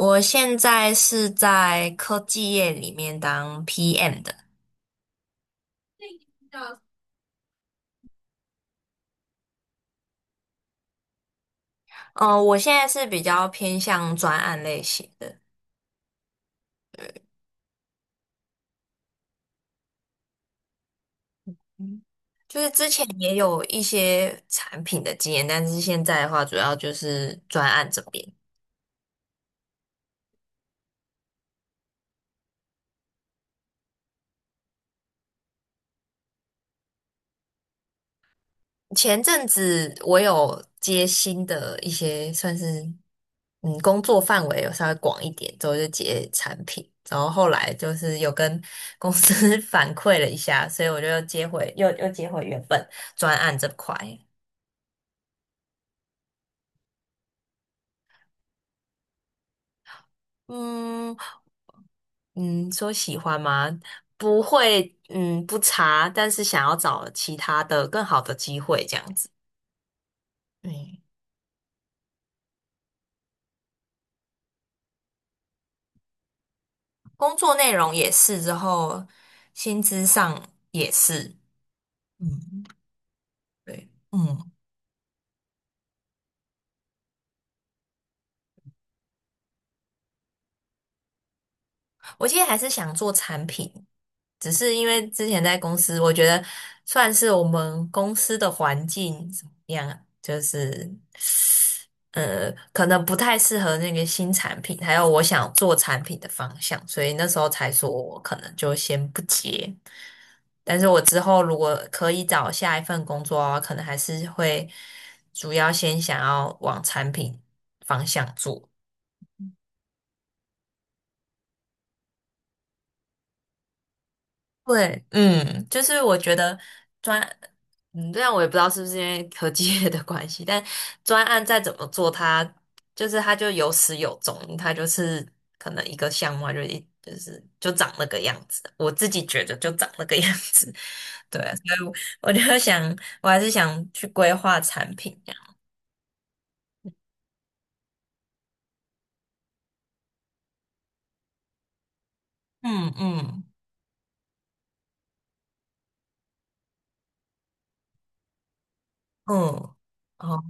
我现在是在科技业里面当 PM 的。我现在是比较偏向专案类型的。嗯就是之前也有一些产品的经验，但是现在的话主要就是专案这边。前阵子我有接新的一些算是工作范围有稍微广一点，之后就接产品，然后后来就是有跟公司 反馈了一下，所以我就又接回又接回原本专案这块。嗯嗯，说喜欢吗？不会，嗯，不差，但是想要找其他的更好的机会这样子。嗯，工作内容也是，之后薪资上也是。嗯，对，嗯，我其实还是想做产品，只是因为之前在公司，我觉得算是我们公司的环境怎么样，就是可能不太适合那个新产品，还有我想做产品的方向，所以那时候才说我可能就先不接。但是我之后如果可以找下一份工作啊，可能还是会主要先想要往产品方向做。对，嗯，就是我觉得专，嗯，这样我也不知道是不是因为科技业的关系，但专案再怎么做它，就是它就有始有终，它就是可能一个项目它就一就是就长那个样子，我自己觉得就长那个样子。对啊，所以我就想，我还是想去规划产品这样。嗯嗯嗯，哦，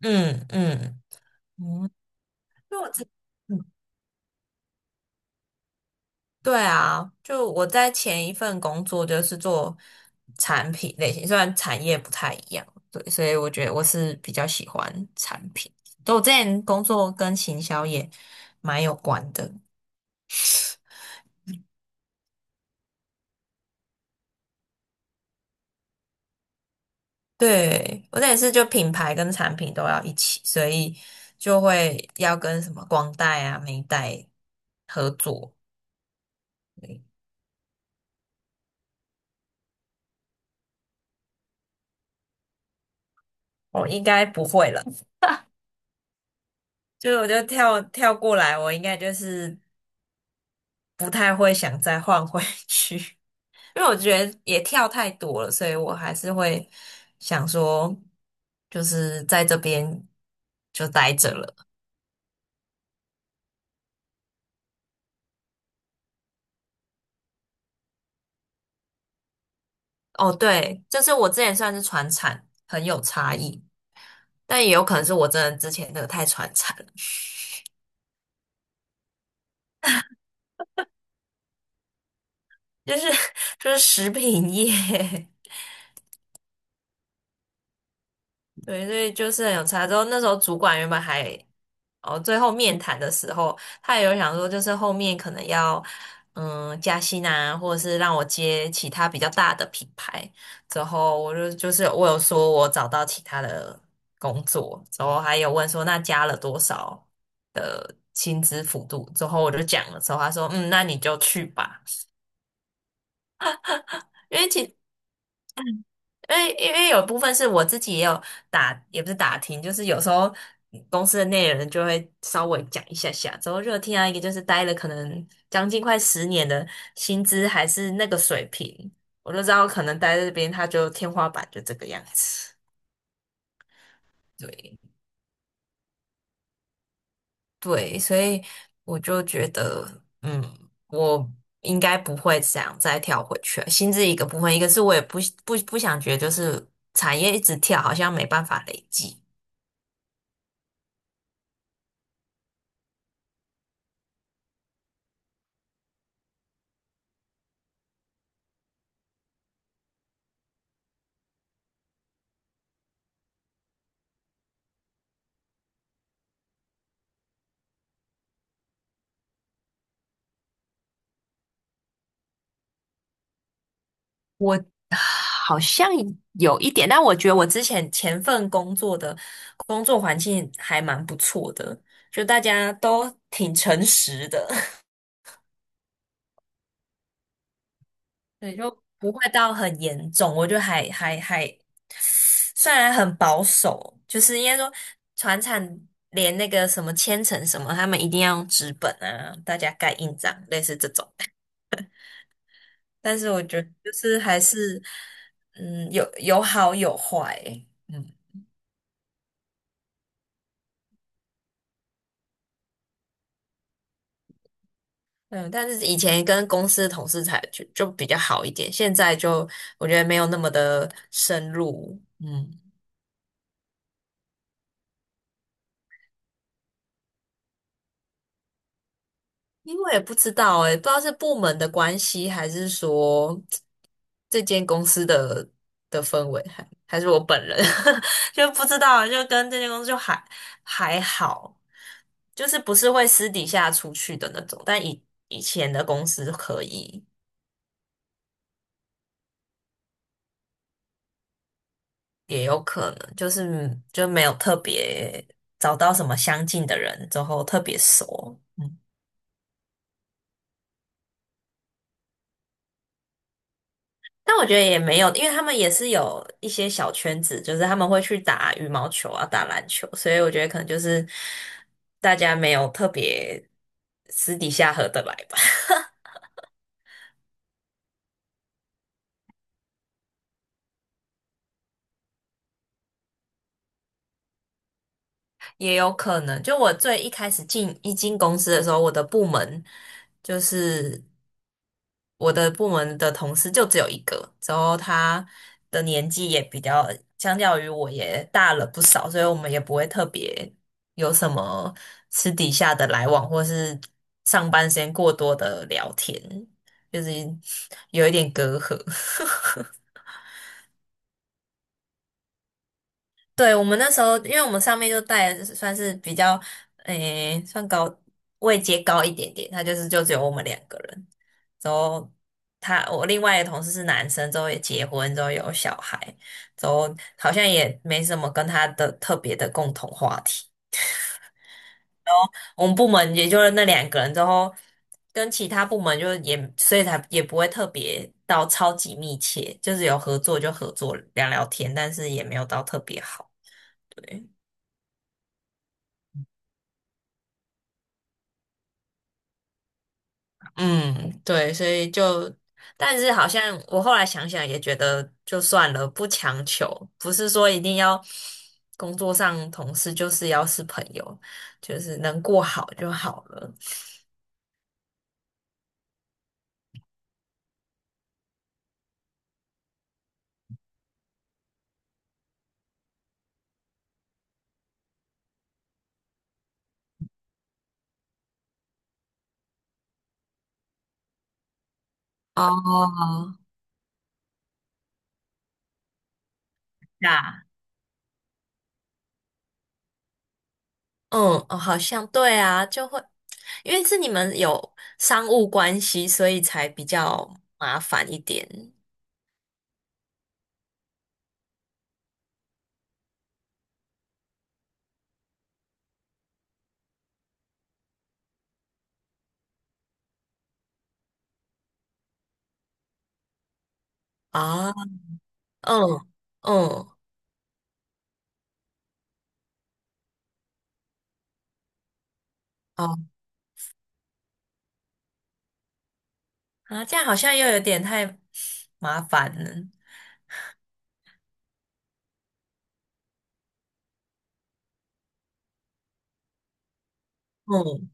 嗯嗯嗯，因为我自。嗯对啊，就我在前一份工作就是做产品类型，虽然产业不太一样，对，所以我觉得我是比较喜欢产品。就我之前工作跟行销也蛮有关的。对，我那也是就品牌跟产品都要一起，所以就会要跟什么光带啊、美带合作。对我应该不会了。就是我就跳过来，我应该就是不太会想再换回去。因为我觉得也跳太多了，所以我还是会想说，就是在这边就待着了。哦，对，就是我之前算是传产，很有差异，但也有可能是我真的之前那个太传产了，就是 就是食品业。对，所以就是很有差。之后那时候主管原本还，哦，最后面谈的时候，他也有想说，就是后面可能要，嗯，加薪啊，或者是让我接其他比较大的品牌。之后我就就是我有说我找到其他的工作，之后还有问说那加了多少的薪资幅度。之后我就讲了之后，他说，嗯，那你就去吧。因为其因为有部分是我自己也有打，也不是打听，就是有时候公司的内人就会稍微讲一下下，之后热听啊，一个就是待了可能将近快十年的薪资还是那个水平，我就知道可能待在这边他就天花板就这个样子。对对，所以我就觉得，嗯，我应该不会想再跳回去了。薪资一个部分，一个是我也不想觉得就是产业一直跳，好像没办法累积。我好像有一点，但我觉得我之前前份工作的工作环境还蛮不错的，就大家都挺诚实的。对，就不会到很严重。我就还，虽然很保守，就是应该说船产连那个什么签呈什么，他们一定要用纸本啊，大家盖印章，类似这种。但是我觉得就是还是，嗯，有有好有坏欸，嗯。嗯，但是以前跟公司同事才就比较好一点，现在就我觉得没有那么的深入。嗯，因为我也不知道诶、不知道是部门的关系，还是说这间公司的氛围，还是我本人 就不知道，就跟这间公司就还好，就是不是会私底下出去的那种，但以前的公司可以。也有可能，就是就没有特别找到什么相近的人之后特别熟。嗯，但我觉得也没有，因为他们也是有一些小圈子，就是他们会去打羽毛球啊、打篮球，所以我觉得可能就是大家没有特别私底下合得来吧。也有可能，就我最一开始进公司的时候，我的部门就是我的部门的同事就只有一个，之后他的年纪也比较，相较于我也大了不少，所以我们也不会特别有什么私底下的来往，或是上班时间过多的聊天，就是有一点隔阂。对，我们那时候，因为我们上面就带的算是比较，诶，算位阶高一点点，他就是就只有我们两个人。之后他我另外一个同事是男生，之后也结婚，之后有小孩，之后好像也没什么跟他的特别的共同话题。我们部门也就是那两个人，之后跟其他部门就也所以才也不会特别到超级密切，就是有合作就合作聊聊天，但是也没有到特别好。对。嗯，对，所以就，但是好像我后来想想也觉得就算了，不强求，不是说一定要工作上同事就是要是朋友，就是能过好就好了。哦，啊，嗯，哦，好像对啊，就会，因为是你们有商务关系，所以才比较麻烦一点啊。嗯嗯，哦，啊，这样好像又有点太麻烦了。嗯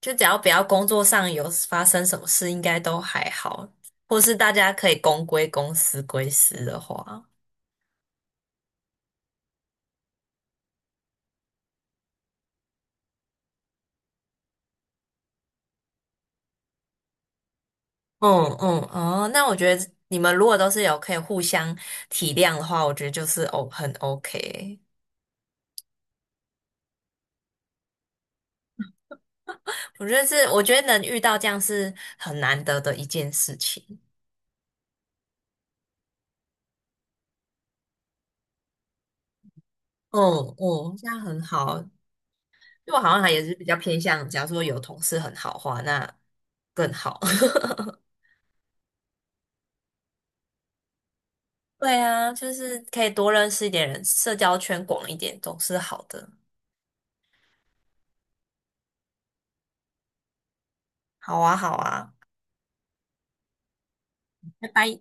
就只要不要工作上有发生什么事，应该都还好。或是大家可以公归公，私归私的话，嗯嗯哦，那我觉得你们如果都是有可以互相体谅的话，我觉得就是哦很 OK。我觉得是，我觉得能遇到这样是很难得的一件事情。嗯嗯，这样很好。因为我好像还也是比较偏向，假如说有同事很好的话，那更好。对啊，就是可以多认识一点人，社交圈广一点总是好的。好啊，好啊，拜拜。